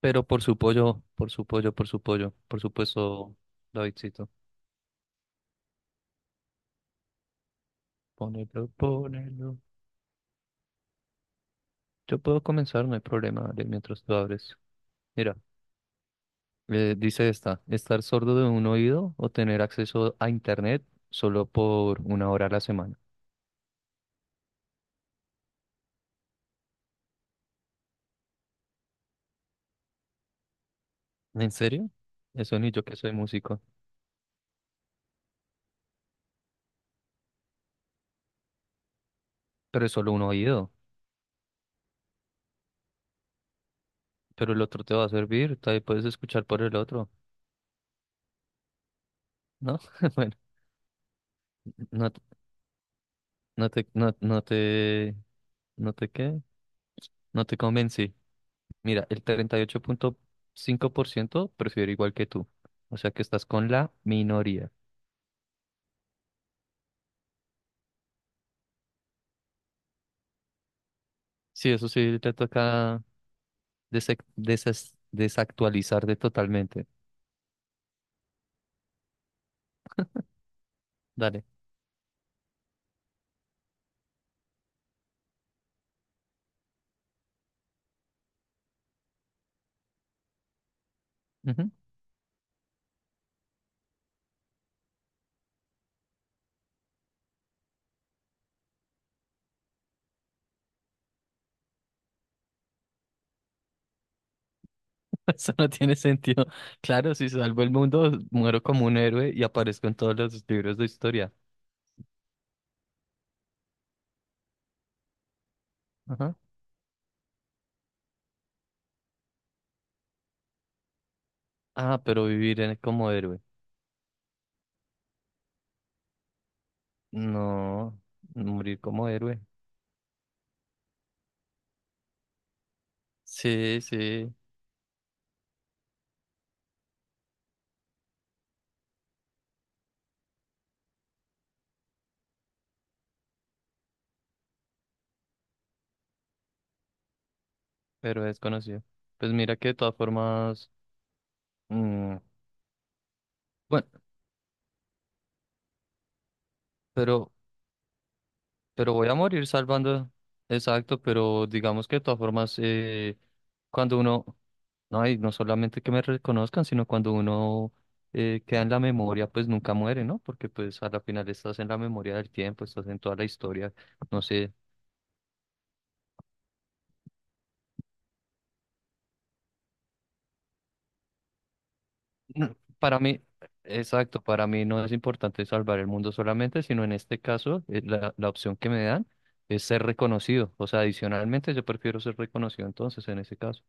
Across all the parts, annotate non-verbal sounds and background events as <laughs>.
Pero por su pollo, por su pollo, por su pollo, por supuesto, Davidcito. Ponelo, ponelo. Yo puedo comenzar, no hay problema, dale, mientras tú abres. Mira, dice estar sordo de un oído o tener acceso a internet solo por una hora a la semana. ¿En serio? Eso ni yo que soy músico. Pero es solo un oído, pero el otro te va a servir, tal vez puedes escuchar por el otro, ¿no? <laughs> Bueno, no, te, no te, no, no te, no te qué, no te convencí. Mira, el 38.5% prefiero igual que tú. O sea que estás con la minoría. Sí, eso sí, te toca desactualizar de totalmente. Dale. Ujú. <laughs> Eso no tiene sentido. Claro, si salvo el mundo, muero como un héroe y aparezco en todos los libros de historia. Ajá. Ah, pero vivir como héroe. No, morir como héroe. Sí, sí, pero es conocido. Pues mira que de todas formas, mm, bueno, pero Pero voy a morir salvando. Exacto, pero digamos que de todas formas, cuando uno, no, y no solamente que me reconozcan, sino cuando uno queda en la memoria, pues nunca muere, ¿no? Porque pues a la final estás en la memoria del tiempo, estás en toda la historia, no sé. No, para mí, exacto, para mí no es importante salvar el mundo solamente, sino en este caso, la opción que me dan es ser reconocido. O sea, adicionalmente yo prefiero ser reconocido entonces en ese caso.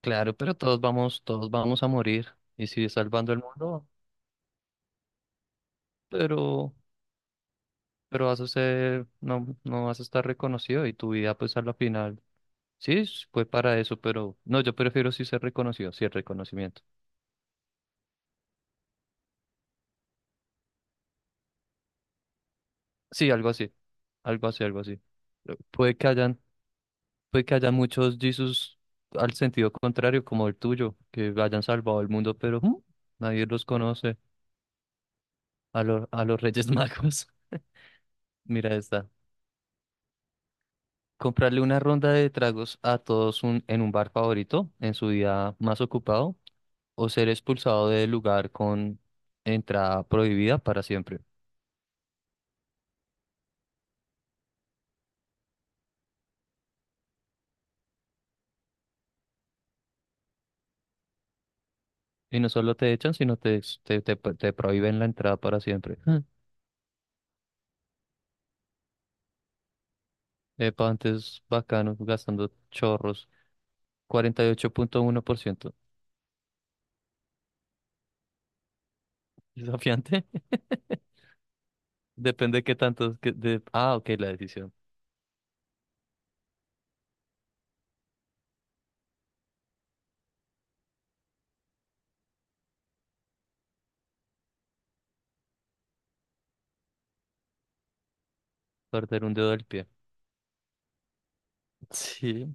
Claro, pero todos vamos a morir. Y si salvando el mundo, pero, pero vas a ser, no vas a estar reconocido y tu vida pues a la final. Sí, fue para eso, pero no, yo prefiero sí ser reconocido, sí el reconocimiento. Sí, algo así, algo así, algo así. Puede que hayan, puede que haya muchos Jesus al sentido contrario, como el tuyo, que hayan salvado el mundo, pero nadie los conoce. A los Reyes Magos. <laughs> Mira esta. Comprarle una ronda de tragos a todos en un bar favorito en su día más ocupado o ser expulsado del lugar con entrada prohibida para siempre. Y no solo te echan, sino te, ex- te pro- te prohíben la entrada para siempre. Mm. <laughs> Epa, antes bacano, gastando chorros. 48.1%. Desafiante. <laughs> Depende de qué tanto. Ah, ok, la decisión. Perder un dedo del pie. Sí.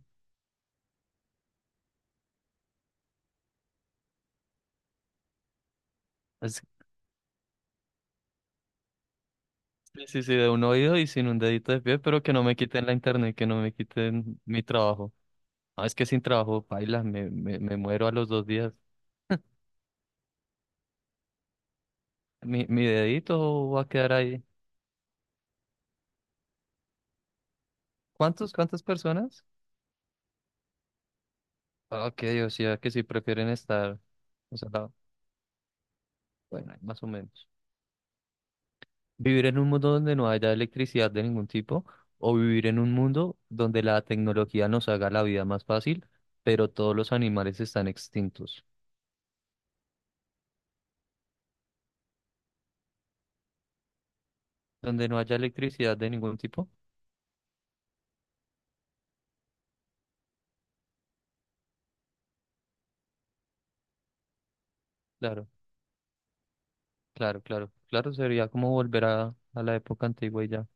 Sí, sí, sí, de un oído y sin un dedito de pie, pero que no me quiten la internet, que no me quiten mi trabajo. Ah, es que sin trabajo, paila, me muero a los 2 días. Mi dedito va a quedar ahí. ¿Cuántas personas? Ah, ok, o sea, que si prefieren estar, o sea, bueno, ahí más o menos. Vivir en un mundo donde no haya electricidad de ningún tipo, o vivir en un mundo donde la tecnología nos haga la vida más fácil, pero todos los animales están extintos. Donde no haya electricidad de ningún tipo, claro. Claro, claro. Claro, sería como volver a la época antigua y ya.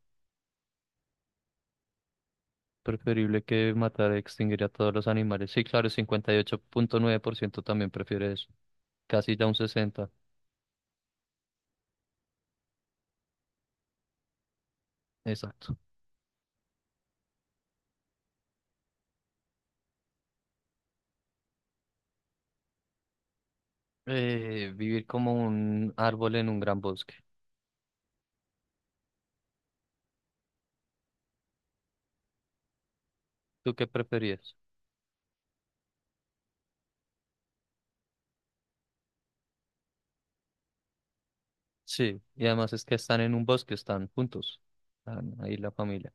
Preferible que matar, extinguir a todos los animales. Sí, claro, 58.9% también prefiere eso. Casi ya un 60. Exacto. Vivir como un árbol en un gran bosque. ¿Tú qué preferías? Sí, y además es que están en un bosque, están juntos. Están ahí la familia.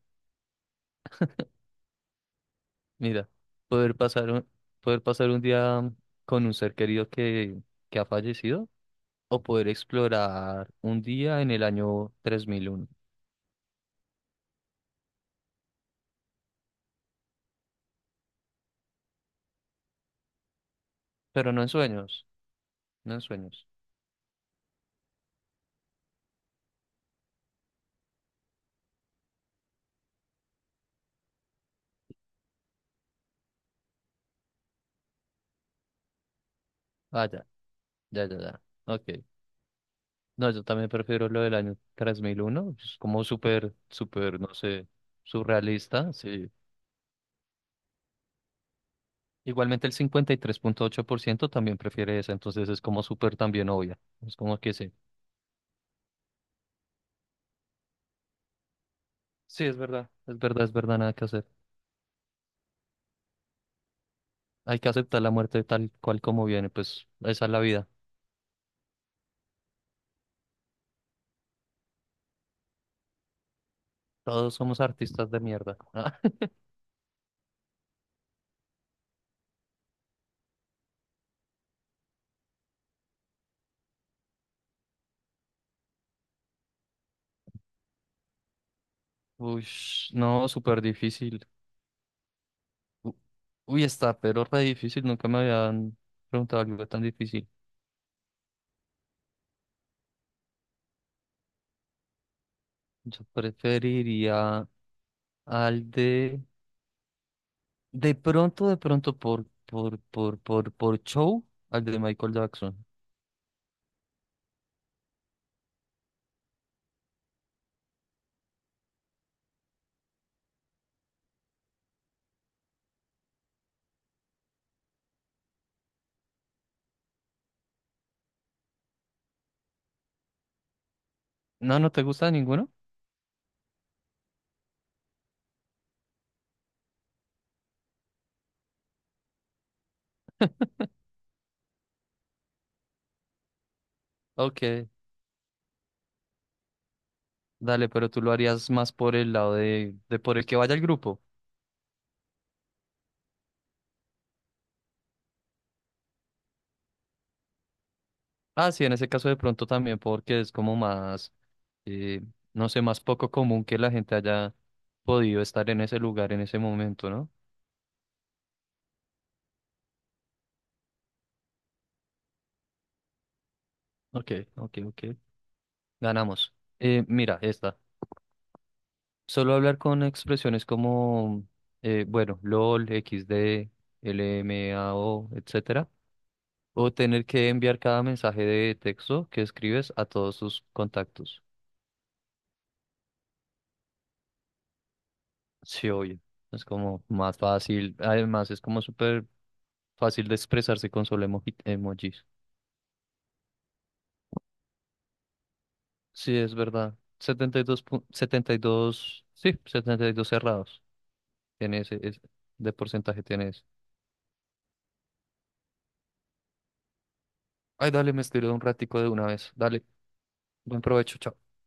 Mira, poder pasar un, poder pasar un día con un ser querido que ha fallecido o poder explorar un día en el año 3001. Pero no en sueños, no en sueños. Ah, ya, ya, ya, ya. Ok. No, yo también prefiero lo del año 3001. Es como súper, súper, no sé, surrealista, sí. Igualmente el 53.8% también prefiere esa, entonces es como súper también obvia. Es como que sí. Sí, es verdad. Es verdad, es verdad, nada que hacer. Hay que aceptar la muerte tal cual como viene, pues esa es la vida. Todos somos artistas de mierda. <laughs> Uy, no, súper difícil. U- Uy, está, pero re difícil. Nunca me habían preguntado algo tan difícil. Yo preferiría al de. De pronto, por show, al de Michael Jackson. No, no te gusta ninguno. <laughs> Ok, dale, pero tú lo harías más por el lado de por el que vaya el grupo. Ah, sí, en ese caso de pronto también, porque es como más, eh, no sé, más poco común que la gente haya podido estar en ese lugar en ese momento, ¿no? Ok, ok, ok. Ganamos. Mira, esta. Solo hablar con expresiones como, bueno, LOL, x XD, LMAO, etcétera. O tener que enviar cada mensaje de texto que escribes a todos tus contactos. Sí, obvio. Es como más fácil. Además, es como súper fácil de expresarse con solo emojis. Sí, es verdad. 72, 72 sí, 72 cerrados. Tiene ese, de porcentaje tiene ese. Ay, dale, me estiré un ratico de una vez. Dale. Buen provecho, chao.